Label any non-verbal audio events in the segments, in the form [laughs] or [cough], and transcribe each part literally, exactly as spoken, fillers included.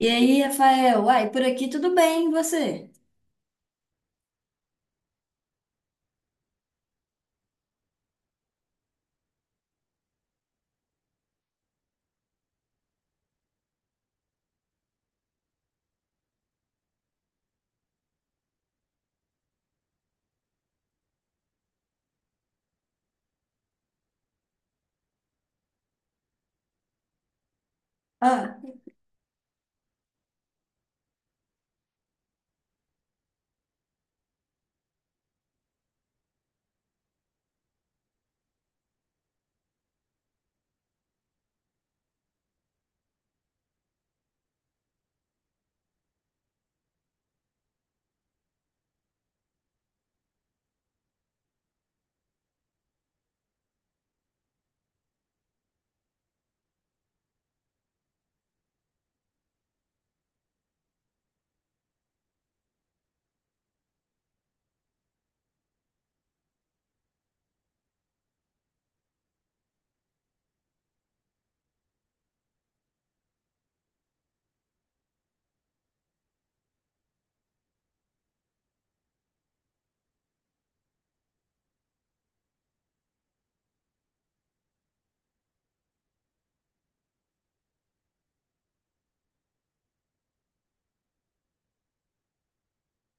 E aí, Rafael? Uai, por aqui tudo bem, e você? Ah,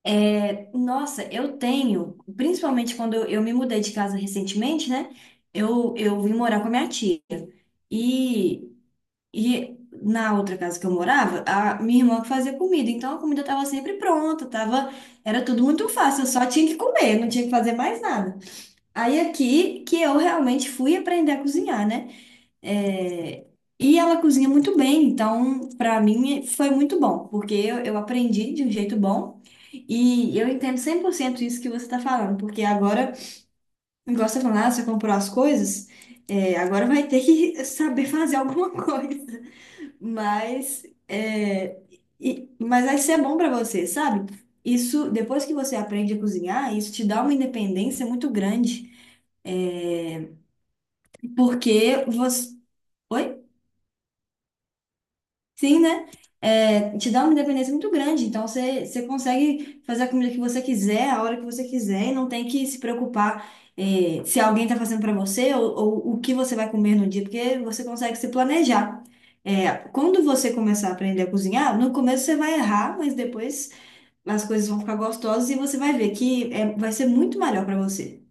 é, nossa, eu tenho, principalmente quando eu, eu me mudei de casa recentemente, né? Eu, eu vim morar com a minha tia. E, e na outra casa que eu morava, a minha irmã que fazia comida. Então a comida estava sempre pronta, tava, era tudo muito fácil, eu só tinha que comer, não tinha que fazer mais nada. Aí aqui que eu realmente fui aprender a cozinhar, né? É, e ela cozinha muito bem, então para mim foi muito bom, porque eu, eu aprendi de um jeito bom e eu entendo cem por cento isso que você está falando, porque agora, igual você falou, ah, você comprou as coisas, é, agora vai ter que [laughs] saber fazer alguma [laughs] coisa, mas, é, e- mas vai ser bom para você, sabe? Isso, depois que você aprende a cozinhar, isso te dá uma independência muito grande, porque você. Oi? Sim, né? É, te dá uma independência muito grande. Então, você, você consegue fazer a comida que você quiser, a hora que você quiser, e não tem que se preocupar, é, se alguém está fazendo para você ou, ou o que você vai comer no dia, porque você consegue se planejar. É, quando você começar a aprender a cozinhar, no começo você vai errar, mas depois as coisas vão ficar gostosas e você vai ver que é, vai ser muito melhor para você.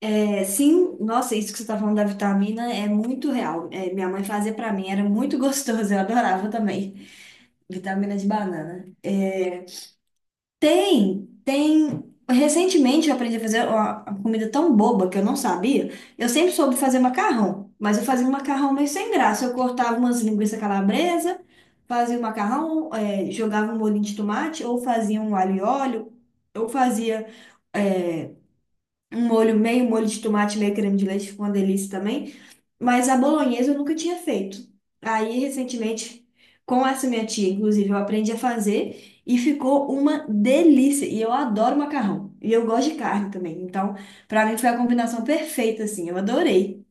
É, sim, nossa, isso que você está falando da vitamina é muito real. É, minha mãe fazia para mim, era muito [laughs] gostoso, eu adorava também. Vitamina de banana. É, tem, tem. Recentemente eu aprendi a fazer uma uma comida tão boba que eu não sabia. Eu sempre soube fazer macarrão, mas eu fazia um macarrão meio sem graça. Eu cortava umas linguiças calabresa, fazia um macarrão, é, jogava um molhinho de tomate, ou fazia um alho e óleo, ou fazia, é, um molho meio molho de tomate, meio creme de leite, ficou uma delícia também. Mas a bolonhesa eu nunca tinha feito. Aí, recentemente, com essa minha tia, inclusive, eu aprendi a fazer e ficou uma delícia. E eu adoro macarrão. E eu gosto de carne também. Então, pra mim foi a combinação perfeita, assim. Eu adorei.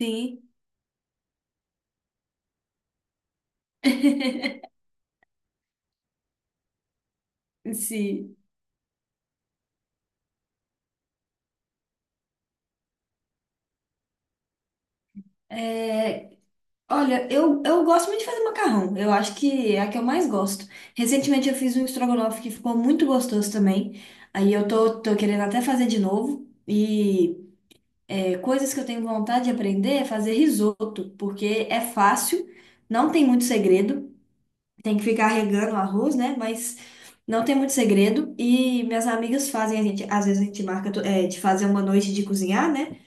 Sim. [laughs] Sim. É, olha, eu, eu gosto muito de fazer macarrão. Eu acho que é a que eu mais gosto. Recentemente eu fiz um estrogonofe que ficou muito gostoso também. Aí eu tô, tô querendo até fazer de novo. E coisas que eu tenho vontade de aprender é fazer risoto, porque é fácil, não tem muito segredo, tem que ficar regando o arroz, né? Mas não tem muito segredo. E minhas amigas fazem, a gente, às vezes a gente marca to- é, de fazer uma noite de cozinhar, né?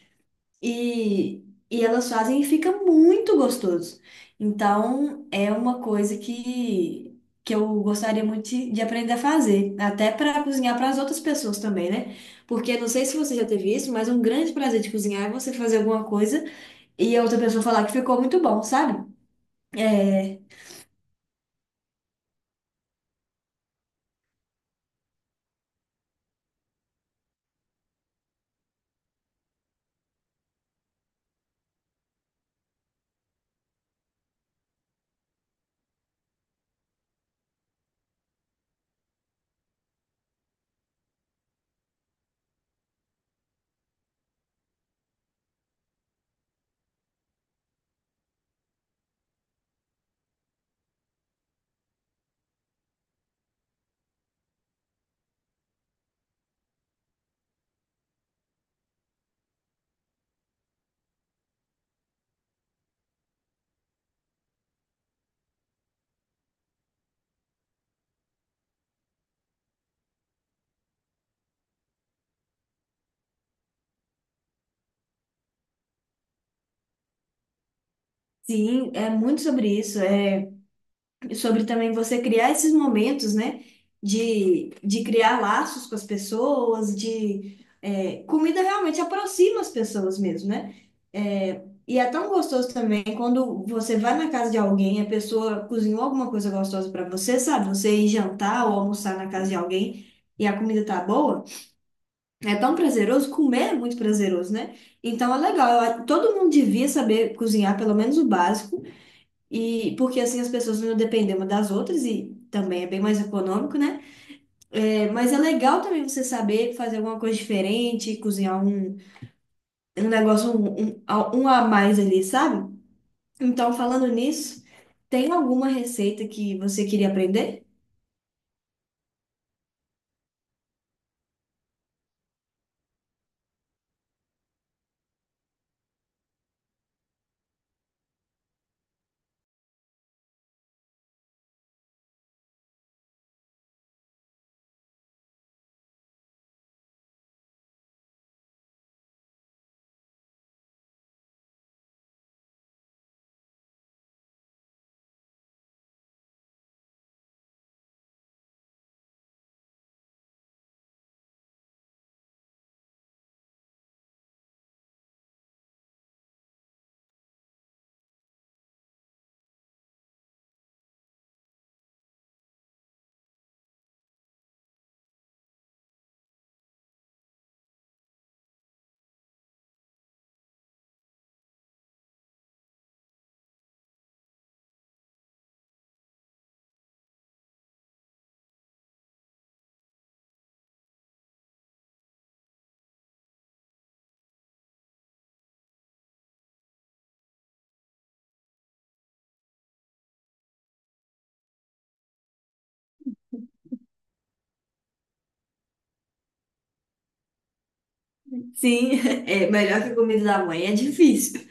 E, e elas fazem e fica muito gostoso. Então, é uma coisa que, que eu gostaria muito de, de aprender a fazer, até para cozinhar para as outras pessoas também, né? Porque não sei se você já teve isso, mas um grande prazer de cozinhar é você fazer alguma coisa e a outra pessoa falar que ficou muito bom, sabe? É, sim, é muito sobre isso. É sobre também você criar esses momentos, né? De, de criar laços com as pessoas, de é, comida realmente aproxima as pessoas mesmo, né? É, e é tão gostoso também quando você vai na casa de alguém, a pessoa cozinhou alguma coisa gostosa para você, sabe? Você ir jantar ou almoçar na casa de alguém e a comida tá boa, é tão prazeroso, comer é muito prazeroso, né? Então é legal, eu a- todo mundo devia saber cozinhar pelo menos o básico e porque assim as pessoas não dependem uma das outras e também é bem mais econômico, né? É, mas é legal também você saber fazer alguma coisa diferente, cozinhar um, um negócio um, um, a- um a mais ali, sabe? Então, falando nisso, tem alguma receita que você queria aprender? Sim, [laughs] é melhor que comida da mãe, é difícil.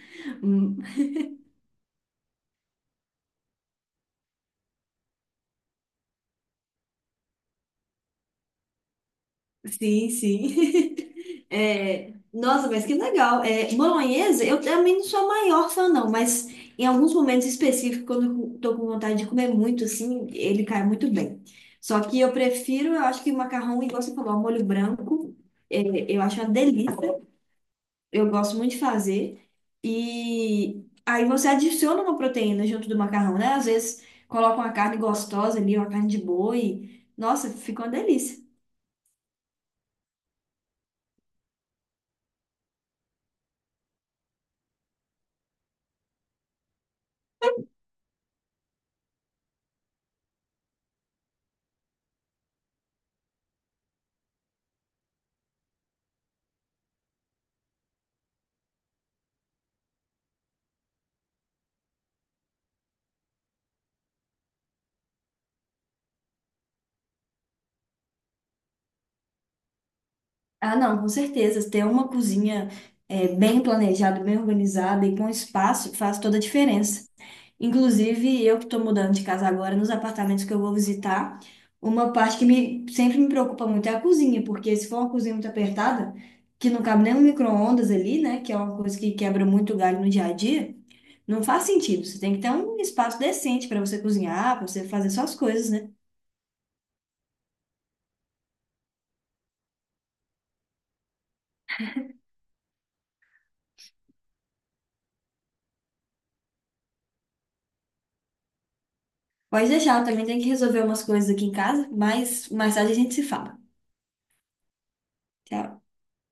Sim, sim. [laughs] É, nossa, mas que legal. É, bolonhesa, eu também não sou a maior fã, não, mas em alguns momentos específicos, quando eu tô com vontade de comer muito, assim, ele cai muito bem. Só que eu prefiro, eu acho que macarrão, igual você falou, ao molho branco, é, eu acho uma delícia. Eu gosto muito de fazer. E aí você adiciona uma proteína junto do macarrão, né? Às vezes coloca uma carne gostosa ali, uma carne de boi. Nossa, fica uma delícia. Ah, não, com certeza. Ter uma cozinha é, bem planejada, bem organizada e com espaço faz toda a diferença. Inclusive, eu que estou mudando de casa agora, nos apartamentos que eu vou visitar, uma parte que me, sempre me preocupa muito é a cozinha, porque se for uma cozinha muito apertada, que não cabe nem um micro-ondas ali, né, que é uma coisa que quebra muito galho no dia a dia, não faz sentido. Você tem que ter um espaço decente para você cozinhar, para você fazer suas coisas, né? Pode deixar, eu também tenho que resolver umas coisas aqui em casa, mas mais tarde a gente se fala. Tchau.